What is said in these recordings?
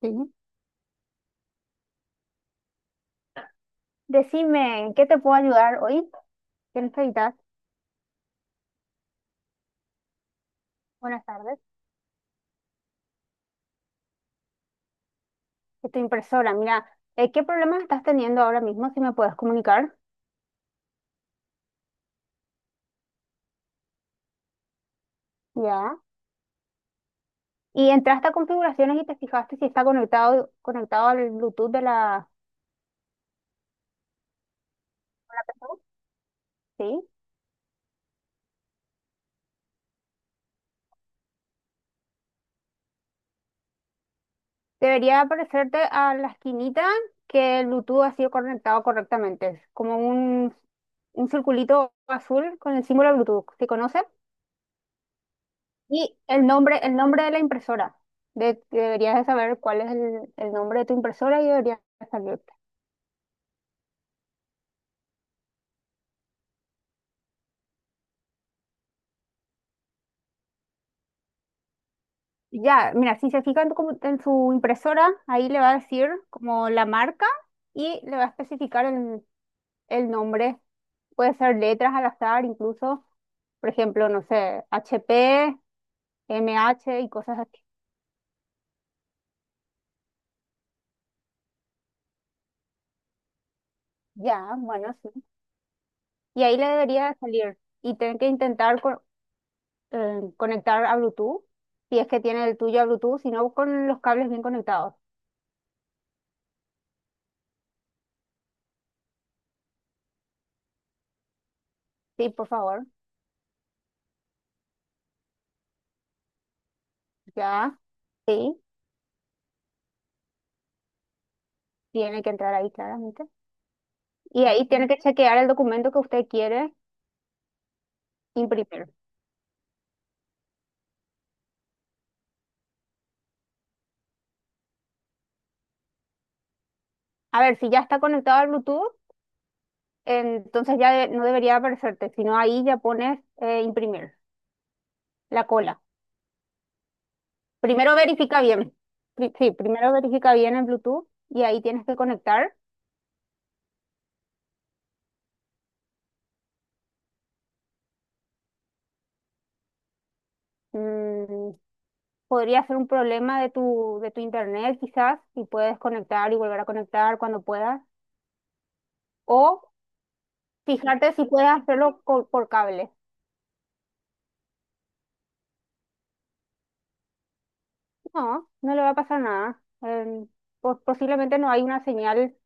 Sí. Decime, ¿en qué te puedo ayudar hoy? ¿Qué necesitas? Buenas tardes. Es tu impresora. Mira, ¿qué problemas estás teniendo ahora mismo? Si me puedes comunicar. Ya. Y entraste a configuraciones y te fijaste si está conectado, conectado al Bluetooth de la... Sí. Debería aparecerte a la esquinita que el Bluetooth ha sido conectado correctamente. Es como un circulito azul con el símbolo Bluetooth. ¿Se conoce? Y el nombre de la impresora. Deberías de saber cuál es el nombre de tu impresora y deberías salirte. Ya, mira, si se fija en su impresora, ahí le va a decir como la marca y le va a especificar el nombre. Puede ser letras al azar, incluso, por ejemplo, no sé, HP, MH y cosas así. Ya, bueno, sí. Y ahí le debería de salir. Y tienen que intentar conectar a Bluetooth, si es que tiene el tuyo a Bluetooth, si no con los cables bien conectados. Sí, por favor, ya, sí, tiene que entrar ahí claramente. Y ahí tiene que chequear el documento que usted quiere imprimir. A ver, si ya está conectado al Bluetooth, entonces ya no debería aparecerte, sino ahí ya pones imprimir, la cola. Primero verifica bien. Sí, primero verifica bien el Bluetooth y ahí tienes que conectar. Mm, podría ser un problema de tu internet quizás, y puedes conectar y volver a conectar cuando puedas. O fijarte si puedes hacerlo por, cable. No, no le va a pasar nada. Posiblemente no hay una señal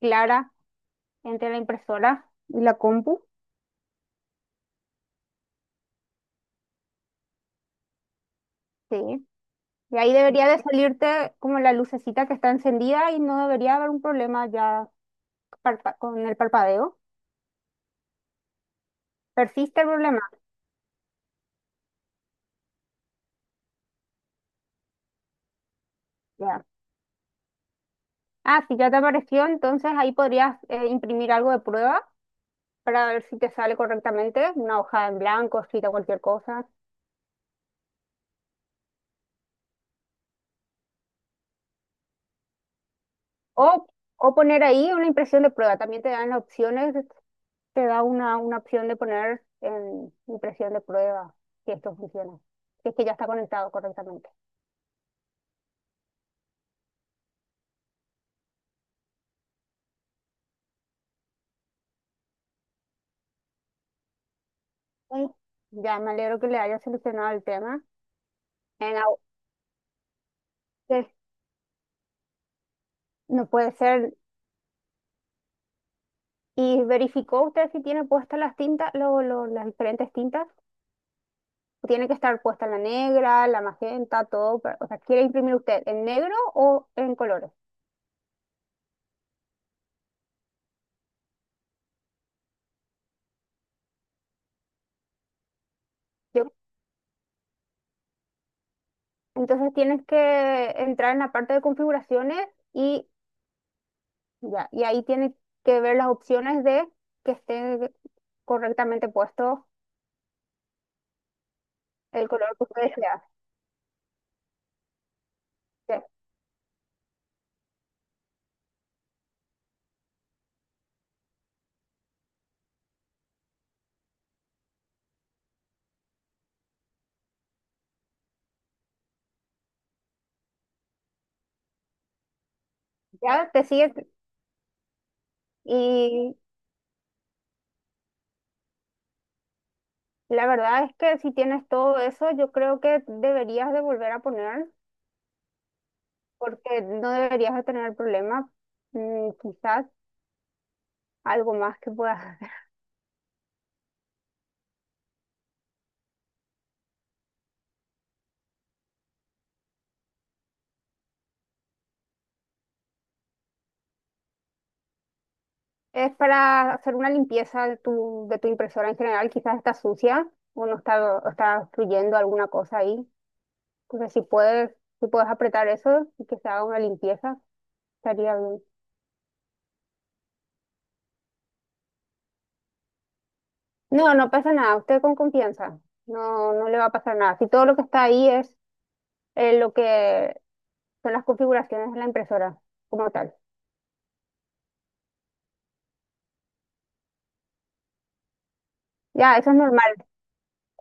clara entre la impresora y la compu. Sí. Y ahí debería de salirte como la lucecita que está encendida y no debería haber un problema ya con el parpadeo. Persiste el problema. Ya. Ah, si ya te apareció, entonces ahí podrías imprimir algo de prueba para ver si te sale correctamente, una hoja en blanco, escrita cualquier cosa. O, o poner ahí una impresión de prueba. También te dan las opciones, te da una opción de poner en impresión de prueba, si esto funciona. Si es que ya está conectado correctamente. Mm. Ya me alegro que le haya solucionado el tema. En au- que no puede ser. ¿Y verificó usted si tiene puestas las tintas, las diferentes tintas? Tiene que estar puesta la negra, la magenta, todo. O sea, ¿quiere imprimir usted en negro o en colores? Yo- entonces tienes que entrar en la parte de configuraciones y ya, y ahí tienes que ver las opciones de que esté correctamente puesto el color que tú deseas. Ya, ya te sigue y la verdad es que si tienes todo eso, yo creo que deberías de volver a poner porque no deberías de tener problema. Mm, quizás algo más que puedas. Es para hacer una limpieza de tu impresora en general, quizás está sucia o no está, o está fluyendo alguna cosa ahí. Entonces, si puedes, si puedes apretar eso y que se haga una limpieza, estaría bien. No, no pasa nada, usted con confianza, no, no le va a pasar nada. Si todo lo que está ahí es lo que son las configuraciones de la impresora como tal. Ya, eso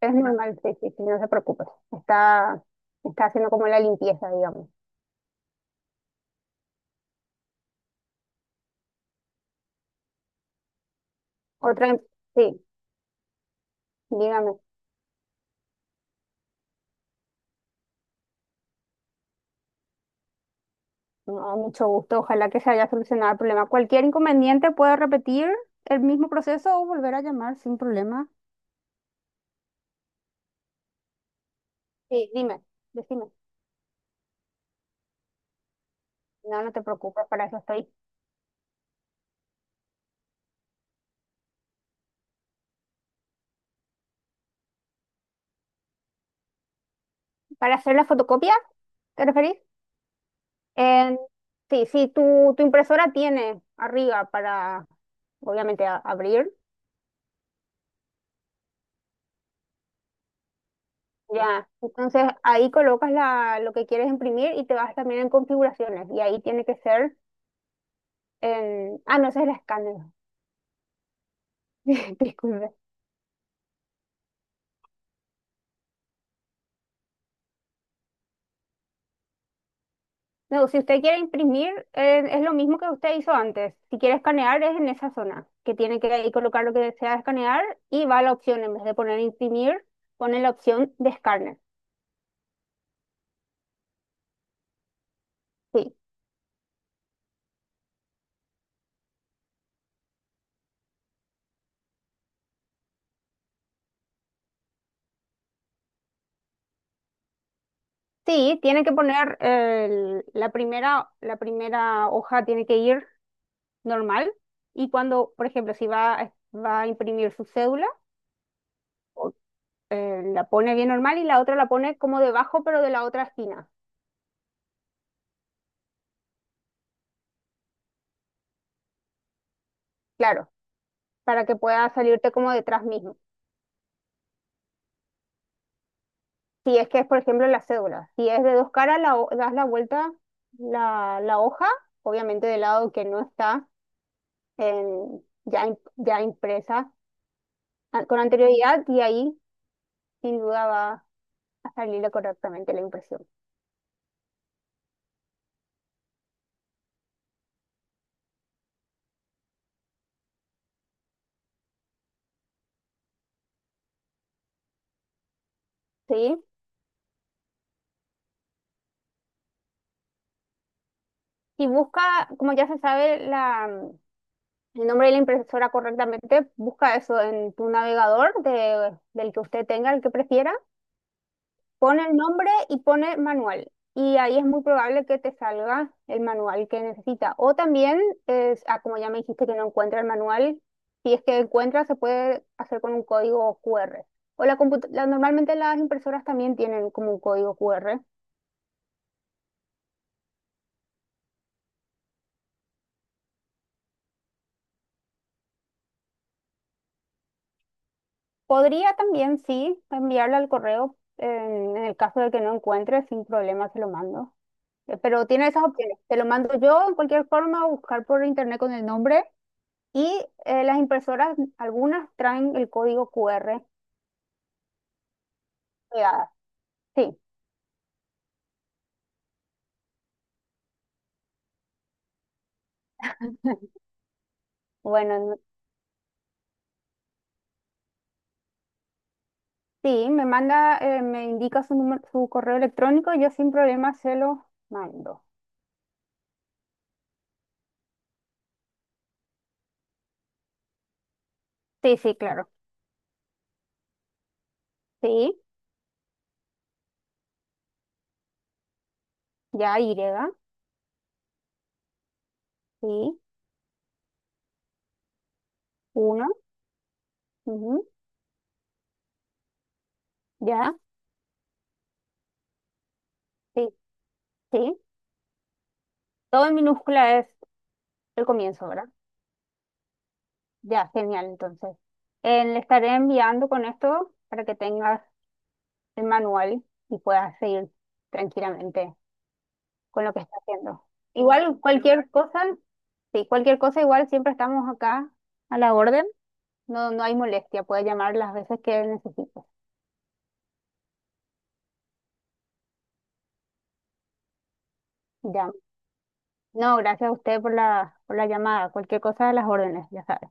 es normal, sí, sí, sí, no se preocupe. Está, está haciendo como la limpieza, digamos. Otra, im- sí, dígame. No, mucho gusto. Ojalá que se haya solucionado el problema. Cualquier inconveniente puede repetir el mismo proceso o volver a llamar sin problema. Sí, dime, decime. No, no te preocupes, para eso estoy. ¿Para hacer la fotocopia? ¿Te referís? En- sí, sí, tu impresora tiene arriba para, obviamente, abrir. Ya, entonces ahí colocas la, lo que quieres imprimir y te vas también en configuraciones. Y ahí tiene que ser en... Ah, no, ese es el escáner. Disculpe. No, si usted quiere imprimir, es lo mismo que usted hizo antes. Si quiere escanear, es en esa zona, que tiene que ahí colocar lo que desea escanear y va a la opción, en vez de poner imprimir, pone la opción de escáner. Sí, sí, tiene que poner la primera hoja tiene que ir normal y cuando, por ejemplo, si va, va a imprimir su cédula, o- la pone bien normal y la otra la pone como debajo, pero de la otra esquina, claro, para que pueda salirte como detrás mismo. Si es que es, por ejemplo, la cédula. Si es de dos caras, das la vuelta, la hoja, obviamente del lado que no está ya, ya impresa con anterioridad y ahí sin duda va a salir correctamente la impresión. ¿Sí? Y busca, como ya se sabe la, el nombre de la impresora correctamente, busca eso en tu navegador del que usted tenga, el que prefiera. Pone el nombre y pone manual. Y ahí es muy probable que te salga el manual que necesita. O también, es, ah, como ya me dijiste que no encuentra el manual, si es que encuentra, se puede hacer con un código QR. O normalmente las impresoras también tienen como un código QR. Podría también, sí, enviarle al correo en el caso de que no encuentre, sin problema se lo mando. Pero tiene esas opciones. Te lo mando yo, en cualquier forma, o buscar por internet con el nombre. Y las impresoras, algunas traen el código QR pegada. Sí, bueno, sí, me manda, me indica su número, su correo electrónico, yo sin problema se lo mando. Sí, sí, claro. Sí, ya, Y, sí, uno, ujú, ya, sí, sí. Todo en minúscula es el comienzo, ¿verdad? Ya, genial, entonces. Le estaré enviando con esto para que tengas el manual y puedas seguir tranquilamente con lo que está haciendo. Igual cualquier cosa, sí, cualquier cosa igual siempre estamos acá a la orden. No, no hay molestia, puede llamar las veces que necesite. Ya. No, gracias a usted por la llamada. Cualquier cosa a las órdenes, ya sabe.